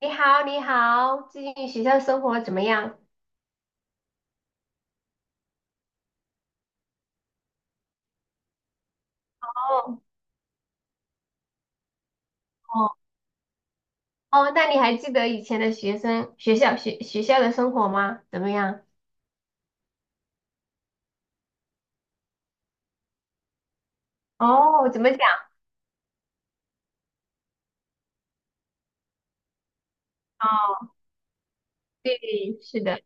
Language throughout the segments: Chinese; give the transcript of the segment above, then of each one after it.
你好，你好，最近学校生活怎么样？哦哦哦，那你还记得以前的学生学校学学校的生活吗？怎么样？哦，怎么讲？哦，对，是的，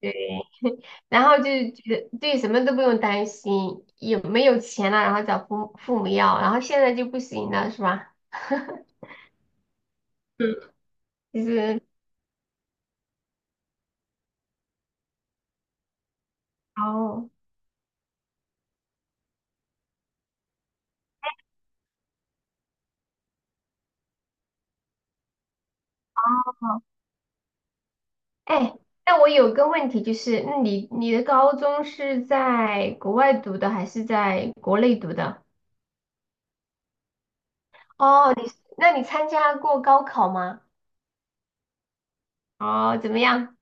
对，然后就觉得对什么都不用担心，有没有钱了，然后找父母要，然后现在就不行了，是吧？嗯，就是哦，哎，那我有个问题，就是那你的高中是在国外读的还是在国内读的？哦，那你参加过高考吗？哦，怎么样？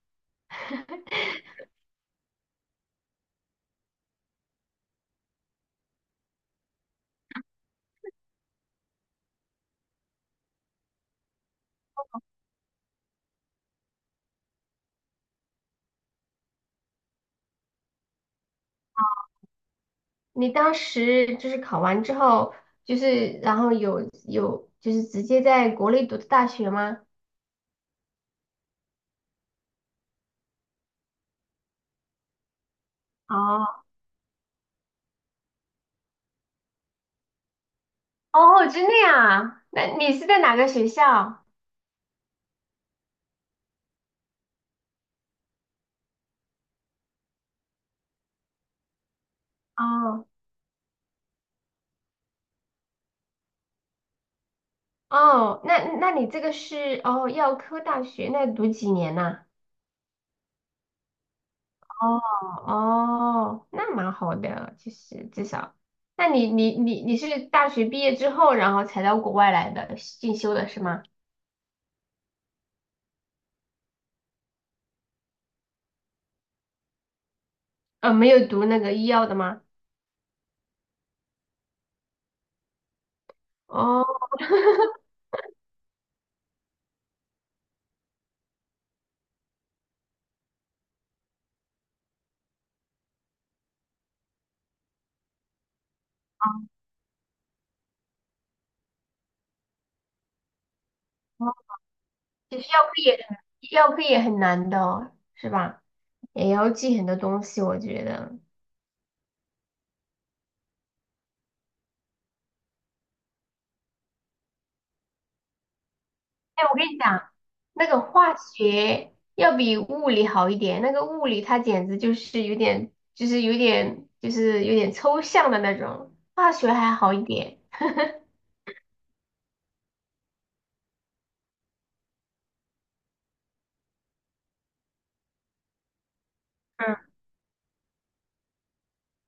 你当时就是考完之后，就是然后有就是直接在国内读的大学吗？哦哦，真的呀？那你是在哪个学校？哦哦，那你这个是哦药科大学，那读几年呐？哦哦，那蛮好的，其实至少，那你是大学毕业之后，然后才到国外来的进修的是吗？没有读那个医药的吗？哦 其实药科也很难的哦是吧？也要记很多东西，我觉得。哎，我跟你讲，那个化学要比物理好一点，那个物理它简直就是有点抽象的那种，化学还好一点。嗯，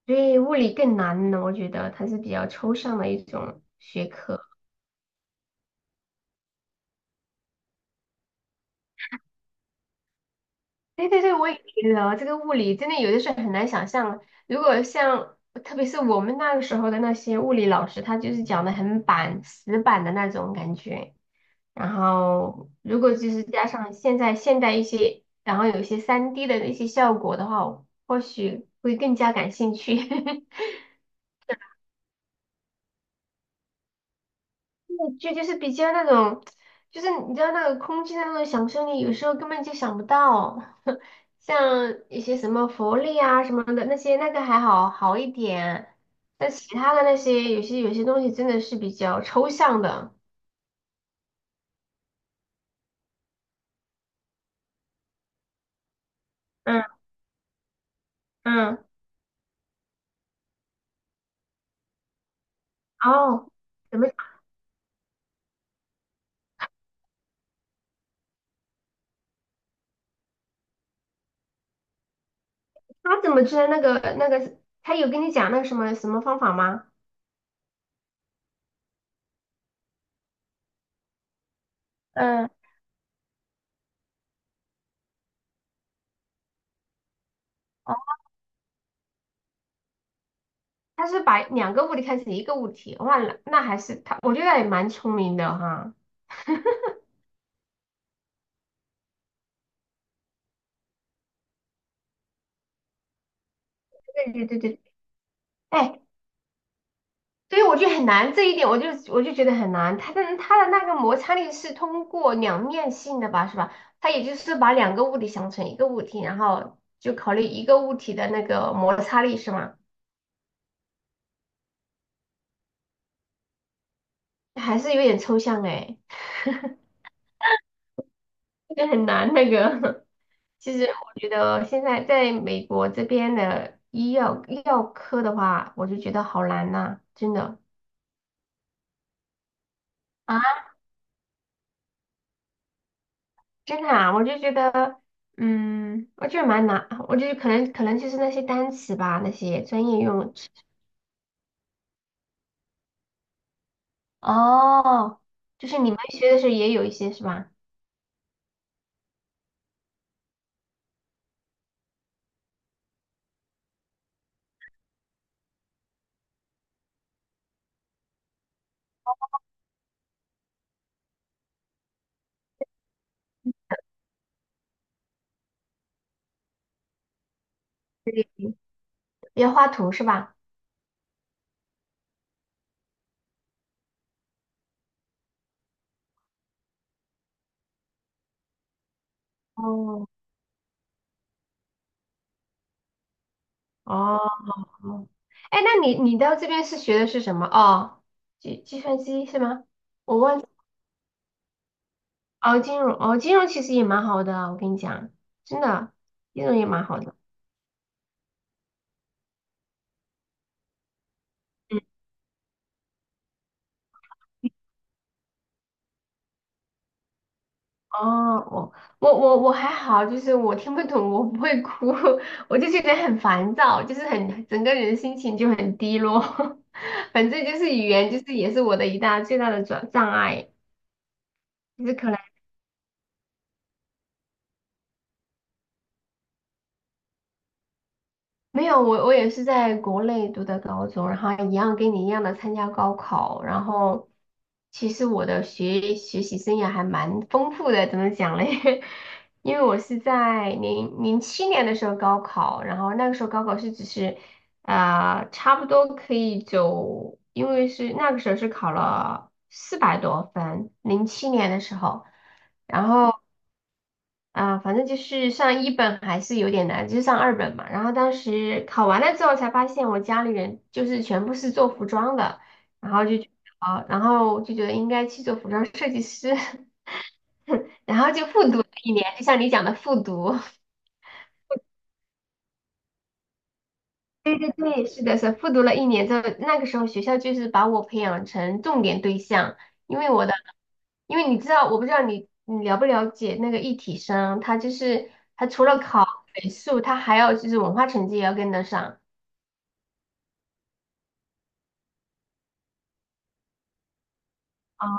对，物理更难呢，我觉得它是比较抽象的一种学科。对对对，我也觉得这个物理真的有的时候很难想象啊。如果像特别是我们那个时候的那些物理老师，他就是讲的很死板的那种感觉。然后如果就是加上现代一些，然后有一些 3D 的那些效果的话，我或许会更加感兴趣。就是比较那种，就是你知道那个空气的那种想象力，有时候根本就想不到。像一些什么佛力啊什么的那些，那个还好一点，但其他的那些有些东西真的是比较抽象的。嗯嗯，哦，怎么他怎么知道那个？他有跟你讲那个什么什么方法吗？嗯，哦，他是把两个物体看成一个物体，忘了，那还是他，我觉得也蛮聪明的哈。对对对对，哎，所以我就很难这一点，我就觉得很难。它的那个摩擦力是通过两面性的吧，是吧？它也就是把两个物体想成一个物体，然后就考虑一个物体的那个摩擦力，是吗？还是有点抽象哎，个很难那个。其实我觉得现在在美国这边的医药科的话，我就觉得好难呐、真的。啊。真的啊，我就觉得，我觉得蛮难，我觉得可能就是那些单词吧，那些专业用词，哦，就是你们学的时候也有一些是吧？对，要画图是吧？哦，哦，哦哎，那你到这边是学的是什么？哦，计算机是吗？我忘记哦，金融其实也蛮好的，我跟你讲，真的，金融也蛮好的。嗯。哦，我我还好，就是我听不懂，我不会哭，我就觉得很烦躁，就是很整个人心情就很低落。反正就是语言，就是也是我的最大的障碍，就是可能。没有，我也是在国内读的高中，然后一样跟你一样的参加高考，然后其实我的学习生涯还蛮丰富的，怎么讲嘞？因为我是在零七年的时候高考，然后那个时候高考是只是啊，差不多可以走，因为是那个时候是考了400多分，零七年的时候，然后啊，反正就是上一本还是有点难，就是上二本嘛。然后当时考完了之后才发现，我家里人就是全部是做服装的，然后就觉得啊，然后就觉得应该去做服装设计师，然后就复读了一年，就像你讲的复读。对对对，是的，是的复读了一年之后，那个时候学校就是把我培养成重点对象，因为我的，因为你知道，我不知道你了不了解那个一体生，他就是他除了考美术，他还要就是文化成绩也要跟得上。啊，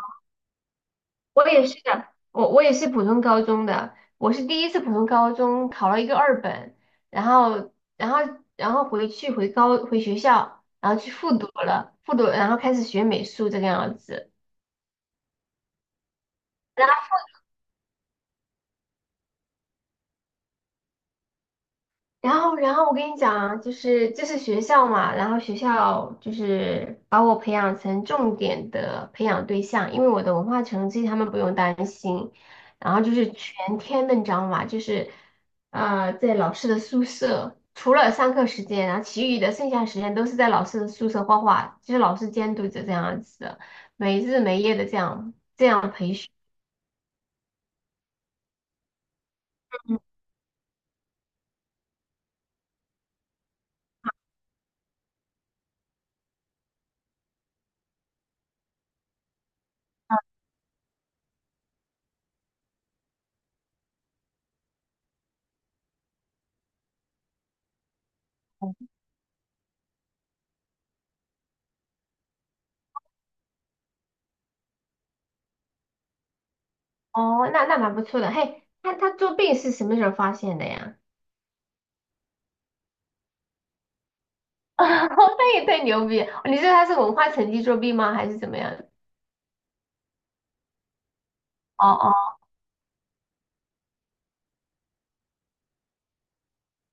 我也是的，我也是普通高中的，我是第一次普通高中考了一个二本，然后然后然后回学校，然后去复读了，然后开始学美术这个样子。然后我跟你讲啊，就是这是学校嘛，然后学校就是把我培养成重点的培养对象，因为我的文化成绩他们不用担心，然后就是全天的，你知道吗？就是在老师的宿舍，除了上课时间，然后其余的剩下时间都是在老师的宿舍画画，就是老师监督着这样子的，没日没夜的这样这样。嗯哦，那蛮不错的。嘿，那他作弊是什么时候发现的呀？那也太牛逼！你说他是文化成绩作弊吗？还是怎么样？哦哦，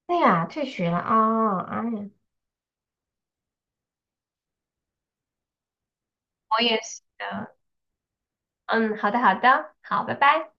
对呀，退学了啊！哦哎呀，我也是的。嗯，好的，好的，好，拜拜。